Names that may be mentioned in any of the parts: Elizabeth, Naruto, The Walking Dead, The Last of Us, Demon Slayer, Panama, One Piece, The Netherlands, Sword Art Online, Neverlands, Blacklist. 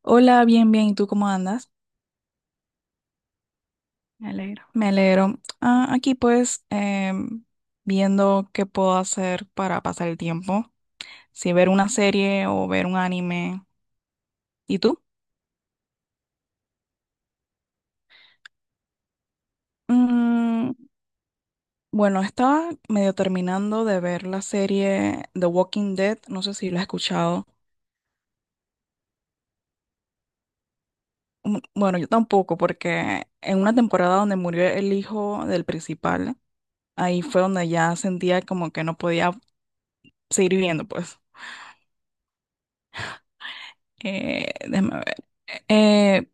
Hola, bien, bien. ¿Y tú cómo andas? Me alegro. Me alegro. Aquí pues, viendo qué puedo hacer para pasar el tiempo. Si ver una serie o ver un anime. ¿Y tú? Mm, bueno, estaba medio terminando de ver la serie The Walking Dead. No sé si la has escuchado. Mm, bueno, yo tampoco, porque en una temporada donde murió el hijo del principal, ahí fue donde ya sentía como que no podía seguir viviendo, pues. Déjame ver. Eh,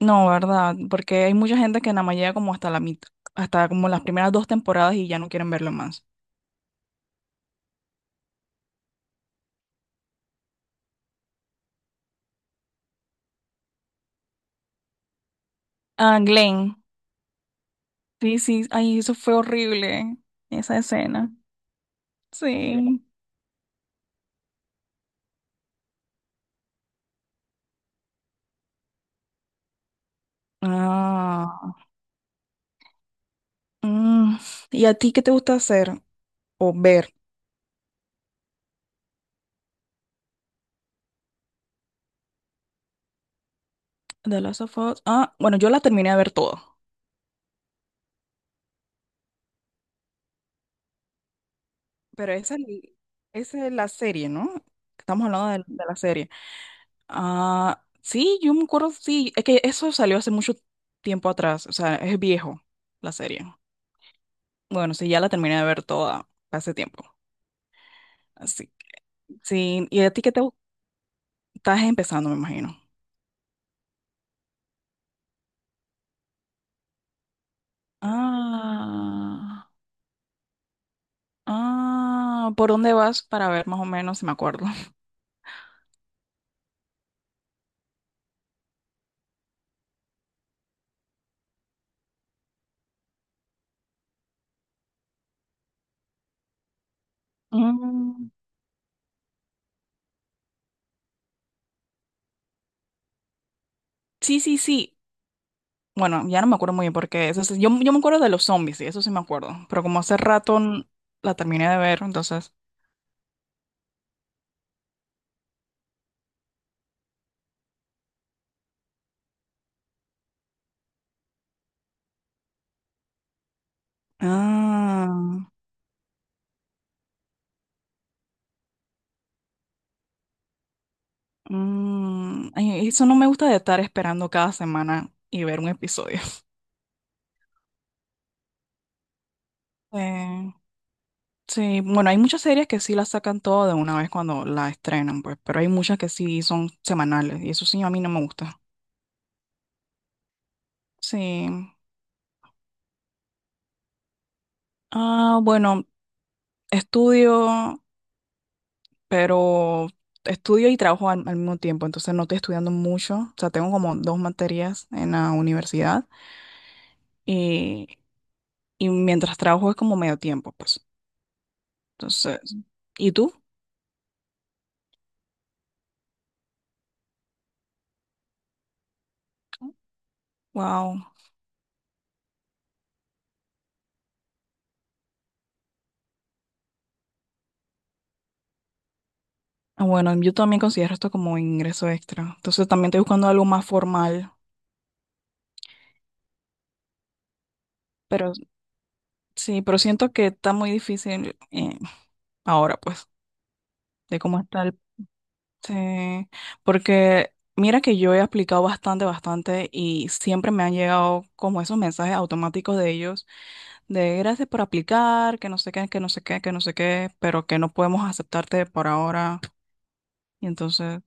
no, ¿verdad? Porque hay mucha gente que nada más llega como hasta la mitad, hasta como las primeras dos temporadas y ya no quieren verlo más. Ah, Glenn. Sí, sí, ay, eso fue horrible, esa escena. Sí. Ah. Mm. ¿Y a ti qué te gusta hacer o ver? The Last of Us. Ah, bueno, yo la terminé de ver todo. Pero esa es, esa es la serie, ¿no? Estamos hablando de la serie. Ah, sí, yo me acuerdo, sí, es que eso salió hace mucho tiempo atrás, o sea, es viejo la serie. Bueno, sí, ya la terminé de ver toda hace tiempo. Así, que, sí, ¿y a ti qué estás empezando, me imagino? Ah, ¿Por dónde vas para ver más o menos si me acuerdo? Mm, sí, sí, sí. Bueno, ya no me acuerdo muy bien porque yo me acuerdo de los zombies, sí, eso sí me acuerdo, pero como hace rato la terminé de ver, entonces. Ah. Mm, y eso no me gusta de estar esperando cada semana y ver un episodio. Eh, sí, bueno, hay muchas series que sí las sacan todo de una vez cuando la estrenan, pues, pero hay muchas que sí son semanales y eso sí a mí no me gusta. Sí. Ah, bueno, estudio, pero estudio y trabajo al mismo tiempo, entonces no estoy estudiando mucho. O sea, tengo como dos materias en la universidad y, y mientras trabajo es como medio tiempo, pues. Entonces, ¿y tú? Wow. Ah, bueno, yo también considero esto como ingreso extra. Entonces también estoy buscando algo más formal. Pero sí, pero siento que está muy difícil ahora, pues, de cómo está el... Sí, porque mira que yo he aplicado bastante, bastante y siempre me han llegado como esos mensajes automáticos de ellos de gracias por aplicar, que no sé qué, que no sé qué, que no sé qué, pero que no podemos aceptarte por ahora. Y entonces,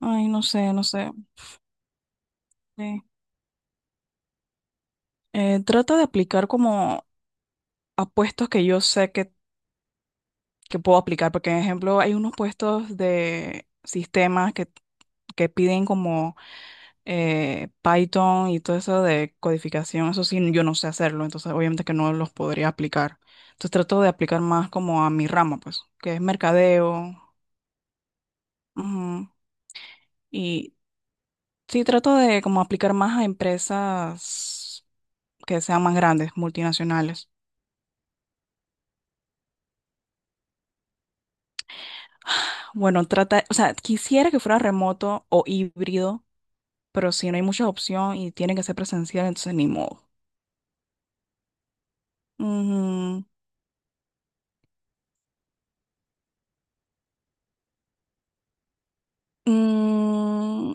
ay, no sé, no sé. Sí. Trata de aplicar como a puestos que yo sé que puedo aplicar, porque, por ejemplo, hay unos puestos de sistemas que piden como Python y todo eso de codificación, eso sí, yo no sé hacerlo, entonces obviamente que no los podría aplicar. Entonces trato de aplicar más como a mi rama, pues, que es mercadeo, ujú, y sí, trato de como aplicar más a empresas que sean más grandes, multinacionales. Bueno, trata, o sea, quisiera que fuera remoto o híbrido pero si no hay mucha opción y tiene que ser presencial, entonces ni modo. Ujú. Mm,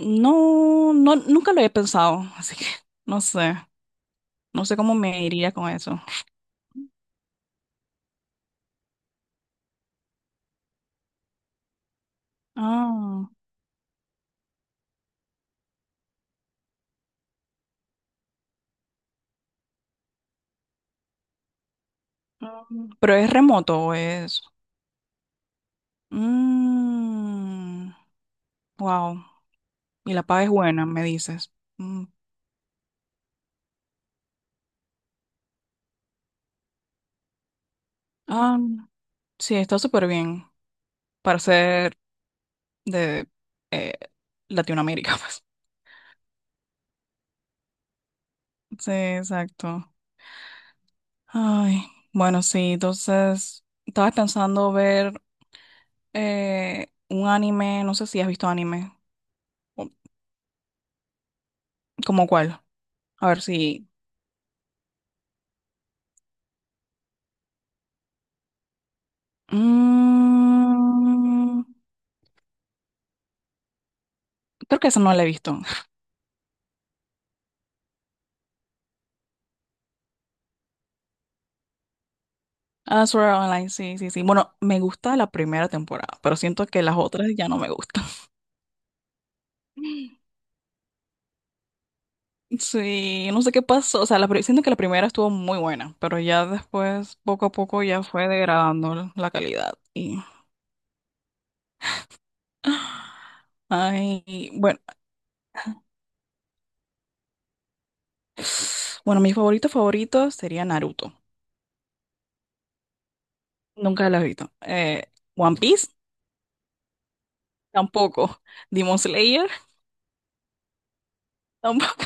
no, no, nunca lo he pensado, así que no sé, no sé cómo me iría con eso. Ah, pero ¿es remoto, o es...? Mm, wow, y la paga es buena, me dices. Mm, ah, sí, está súper bien para ser de Latinoamérica, pues. Sí, exacto. Ay, bueno, sí, entonces estaba pensando ver un anime, no sé si has visto anime, o- ¿como cuál? A ver si... Mm, creo que esa no la he visto. Ah, Sword Art Online, sí, sí, sí. Bueno, me gusta la primera temporada, pero siento que las otras ya no me gustan. Sí, no sé qué pasó, o sea, siento que la primera estuvo muy buena, pero ya después, poco a poco, ya fue degradando la calidad y... Ay, bueno. Bueno, mis favoritos favoritos serían Naruto. Nunca lo he visto. One Piece, tampoco. Demon Slayer, tampoco.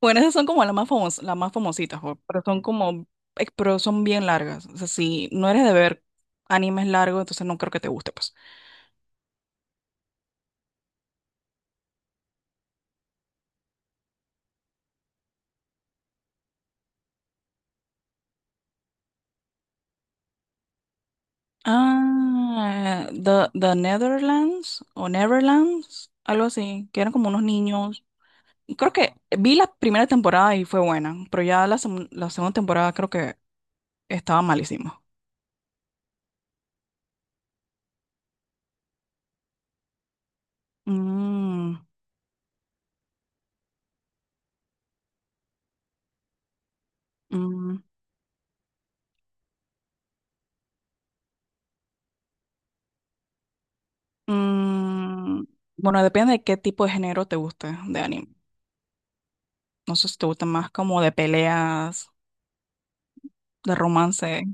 Bueno, esas son como las más famosas, las más famositas, jo, pero son como, pero son bien largas. O sea, si no eres de ver animes largos, entonces no creo que te guste, pues. Ah, The, The Netherlands o Neverlands, algo así, que eran como unos niños. Creo que vi la primera temporada y fue buena, pero ya la segunda temporada creo que estaba malísima. Mm, mm, mm. Bueno, depende de qué tipo de género te guste de anime. No sé si te gusta más como de peleas, de romance.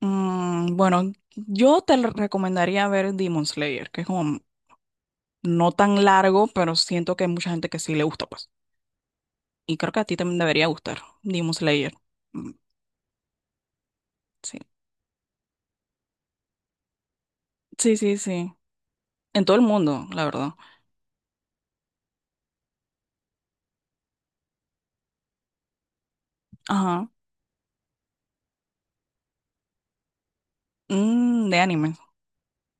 Mm, bueno, yo te lo recomendaría ver Demon Slayer, que es como no tan largo, pero siento que hay mucha gente que sí le gusta, pues. Y creo que a ti también debería gustar Demon Slayer. Mm, sí. Sí, sí, sí. En todo el mundo, la verdad. Ajá. Mm, de anime.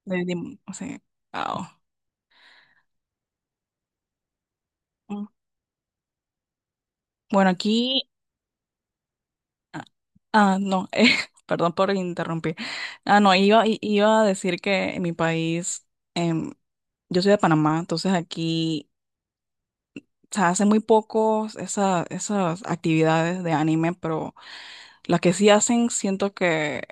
De, Demon- o sea, wow. Mm. Bueno, aquí. Ah, no, perdón por interrumpir. Ah, no, iba a decir que en mi país, em, yo soy de Panamá, entonces aquí se hacen muy pocos esas actividades de anime, pero las que sí hacen, siento que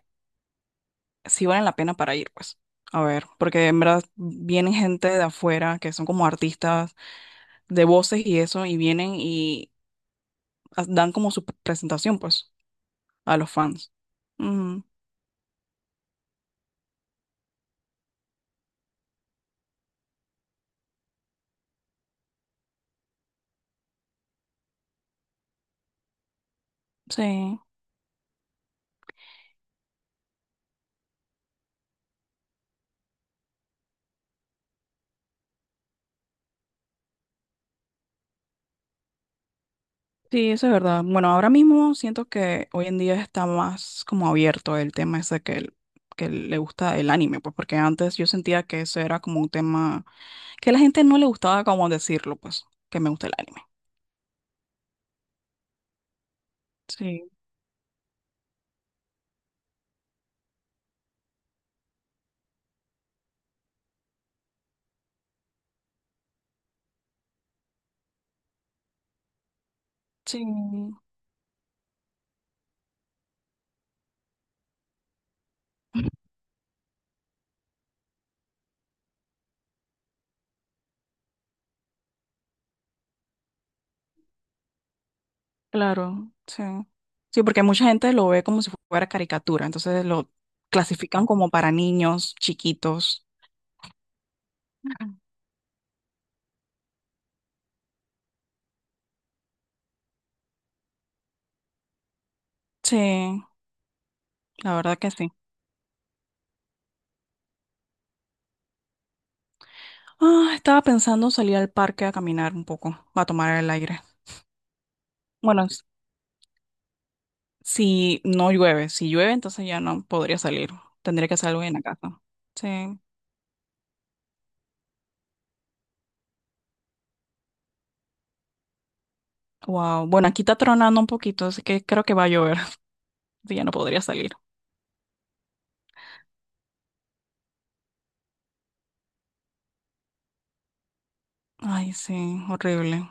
sí valen la pena para ir, pues. A ver, porque en verdad vienen gente de afuera que son como artistas de voces y eso, y vienen y dan como su presentación, pues, a los fans. Ujú, sí. Sí, eso es verdad. Bueno, ahora mismo siento que hoy en día está más como abierto el tema ese que le gusta el anime, pues porque antes yo sentía que eso era como un tema que a la gente no le gustaba como decirlo, pues, que me gusta el anime. Sí, sí, claro, sí. Sí, porque mucha gente lo ve como si fuera caricatura, entonces lo clasifican como para niños chiquitos. Ujú. Sí, la verdad que sí. Ah, estaba pensando salir al parque a caminar un poco, a tomar el aire. Bueno, si no llueve, si llueve, entonces ya no podría salir. Tendría que hacer algo en la casa. Sí. Wow. Bueno, aquí está tronando un poquito, así que creo que va a llover. Entonces ya no podría salir. Ay, sí, horrible.